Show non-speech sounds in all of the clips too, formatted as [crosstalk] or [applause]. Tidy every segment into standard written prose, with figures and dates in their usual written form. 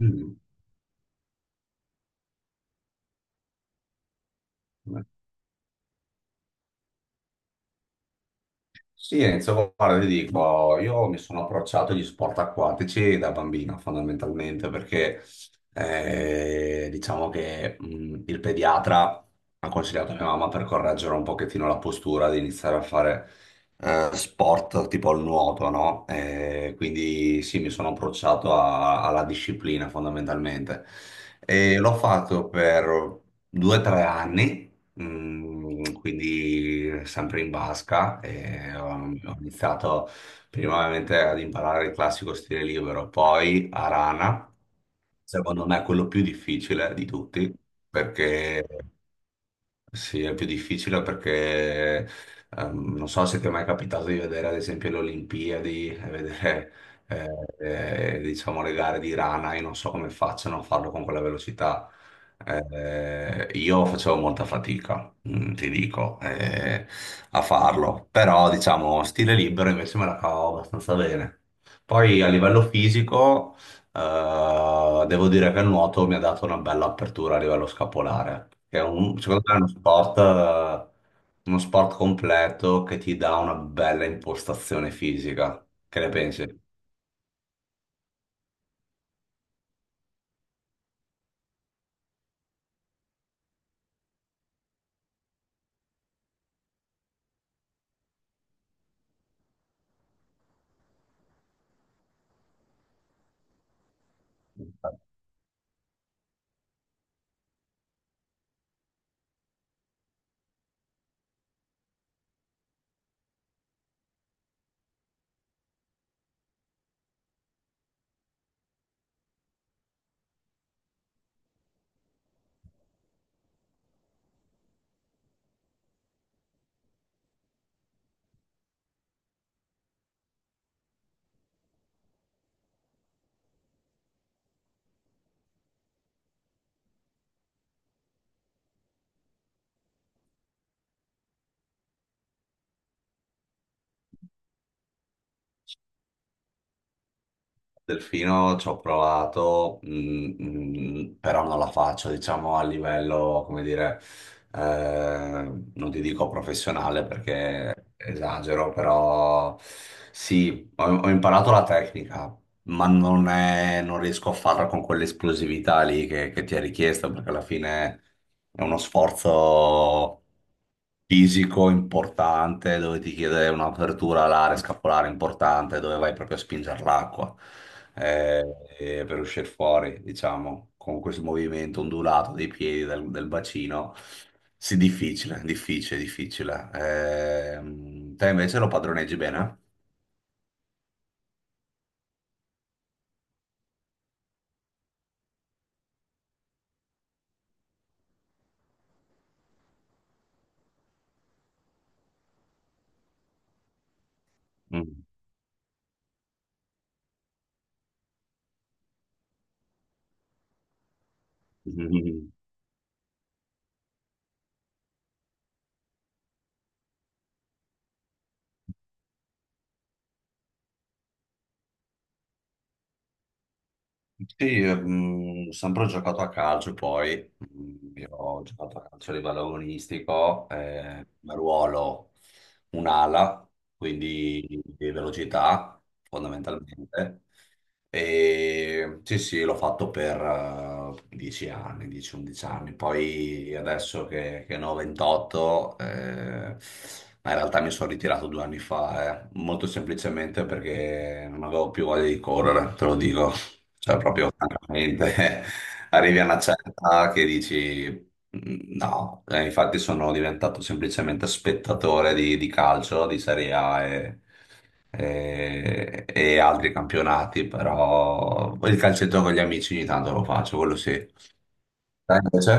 Mm. Sì, Enzo, guarda, ti dico, io mi sono approcciato agli sport acquatici da bambino, fondamentalmente, perché diciamo che il pediatra ha consigliato a mia mamma per correggere un pochettino la postura di iniziare a fare sport tipo il nuoto, no? Quindi sì, mi sono approcciato alla disciplina, fondamentalmente. E l'ho fatto per due o tre anni. Mm, quindi sempre in basca e ho, ho iniziato prima ovviamente ad imparare il classico stile libero, poi a rana. Secondo me è quello più difficile di tutti, perché sì, è più difficile perché non so se ti è mai capitato di vedere ad esempio le Olimpiadi e vedere eh, diciamo le gare di rana, io non so come facciano a farlo con quella velocità. Io facevo molta fatica, ti dico, a farlo, però diciamo stile libero invece me la cavo abbastanza bene. Poi a livello fisico devo dire che il nuoto mi ha dato una bella apertura a livello scapolare, che è secondo me è uno sport completo che ti dà una bella impostazione fisica. Che ne pensi? Delfino ci ho provato, però non la faccio, diciamo, a livello, come dire, non ti dico professionale perché esagero, però sì, ho imparato la tecnica. Ma non riesco a farla con quell'esplosività lì che ti è richiesta, perché alla fine è uno sforzo fisico importante dove ti chiede un'apertura alare scapolare importante, dove vai proprio a spingere l'acqua eh, per uscire fuori, diciamo, con questo movimento ondulato dei piedi del bacino. Sì, difficile, difficile, difficile. Te invece lo padroneggi bene? Mm. [laughs] Sì, ho sempre giocato a calcio, poi io ho giocato a calcio a livello agonistico, come ruolo un'ala, quindi di velocità fondamentalmente. E sì, sì, l'ho fatto per 10 anni, 10-11 anni, poi adesso che ne ho 28, ma in realtà mi sono ritirato due anni fa, molto semplicemente perché non avevo più voglia di correre, te lo dico. Cioè, proprio francamente, [laughs] arrivi a una certa che dici "Mm, no". Infatti sono diventato semplicemente spettatore di calcio, di Serie A e altri campionati, però il calcetto con gli amici ogni tanto lo faccio, quello sì. Te invece?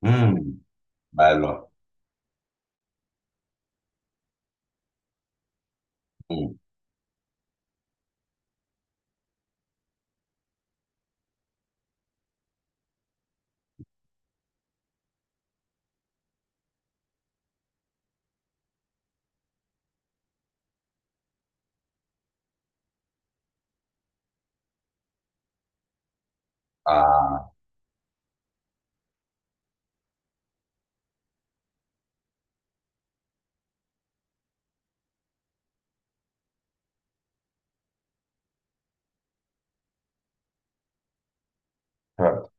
Mm, bello. Mm, ah, certo.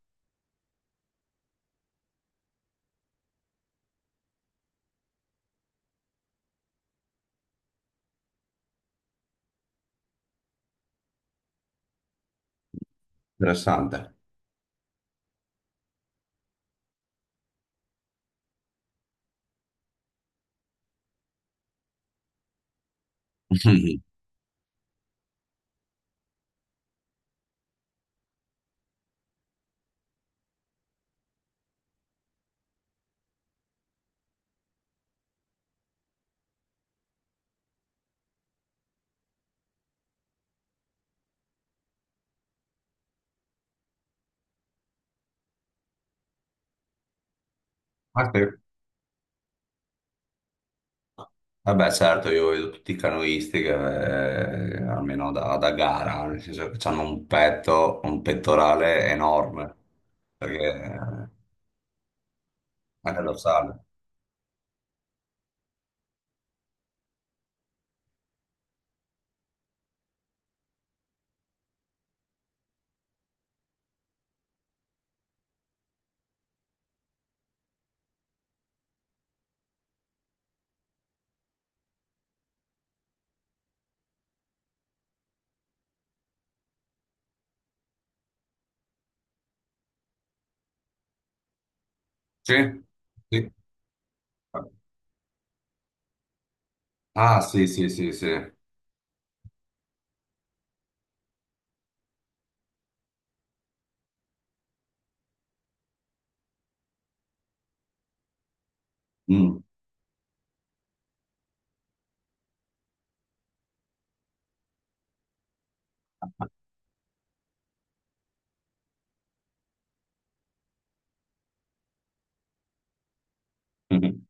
Interessante. [laughs] Ok. Vabbè, certo, io vedo tutti i canoisti almeno da gara, nel senso che hanno un petto, un pettorale enorme, perché anche lo sale. Sì? Sì. Ah, sì, sì, sì, sì. Mm, mhm,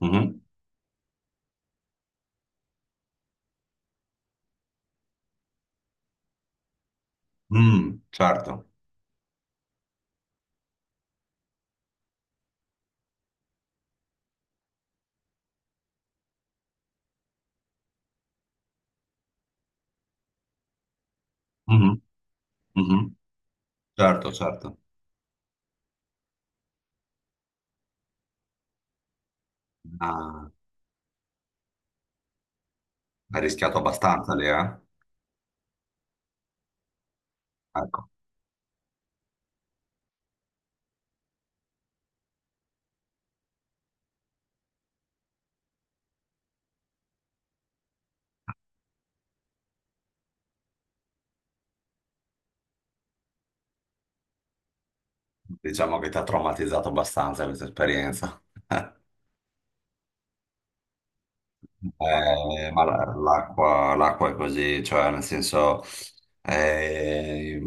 mhm. Mm, certo. Mhm, mhm. Certo, certo. Ah, hai rischiato abbastanza lì, eh? Ecco, diciamo che ti ha traumatizzato abbastanza questa esperienza. [laughs] Ma l'acqua l'acqua è così, cioè nel senso eh,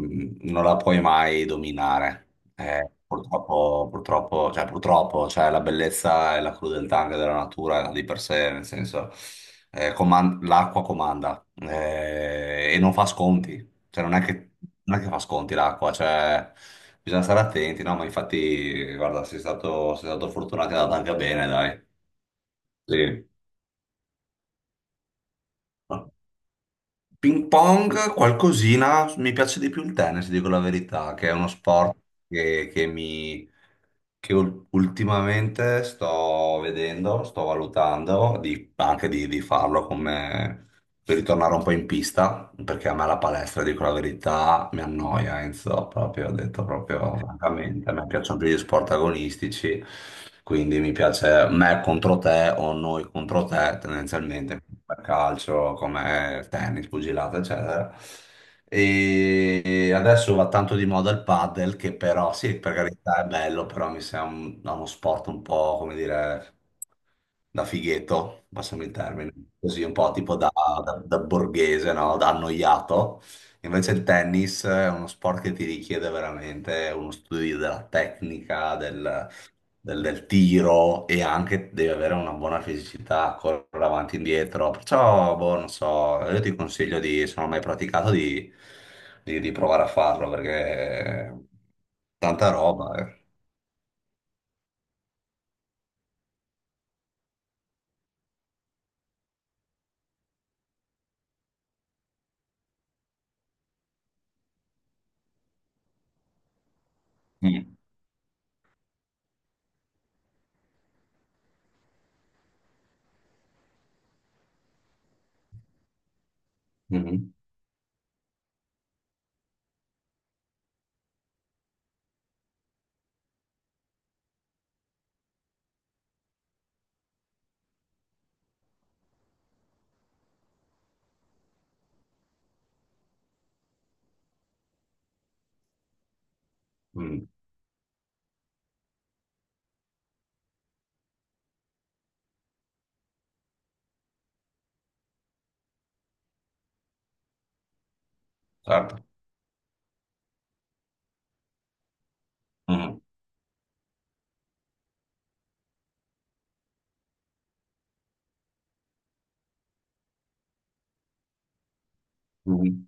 non la puoi mai dominare. Purtroppo, purtroppo, cioè, la bellezza e la crudeltà anche della natura di per sé, nel senso l'acqua comanda, e non fa sconti, cioè, non è che fa sconti l'acqua, cioè, bisogna stare attenti, no? Ma infatti, guarda, sei stato fortunato e è andata anche bene, dai. Sì. Ping pong, qualcosina, mi piace di più il tennis, dico la verità, che è uno, ah, sport, che che ultimamente sto vedendo, sto valutando anche di farlo come per ritornare un po' in pista, perché a me la palestra, dico la verità, mi annoia, Enzo, proprio, ho detto proprio francamente, a me piacciono più gli sport agonistici, quindi mi piace me contro te o noi contro te, tendenzialmente, per calcio, come tennis, pugilato, eccetera. E adesso va tanto di moda il paddle, che però, sì, per carità è bello, però mi sembra un- no, uno sport un po', come dire, da fighetto, passami il termine, così un po' tipo da, da borghese, no? Da annoiato. Invece il tennis è uno sport che ti richiede veramente uno studio della tecnica, del tiro e anche deve avere una buona fisicità, correre avanti e indietro. Perciò, boh, non so, io ti consiglio di, se non l'hai praticato, di provare a farlo perché tanta roba. Eh. Mm. Mhm. Mm. Certo. Mhm. Mhm.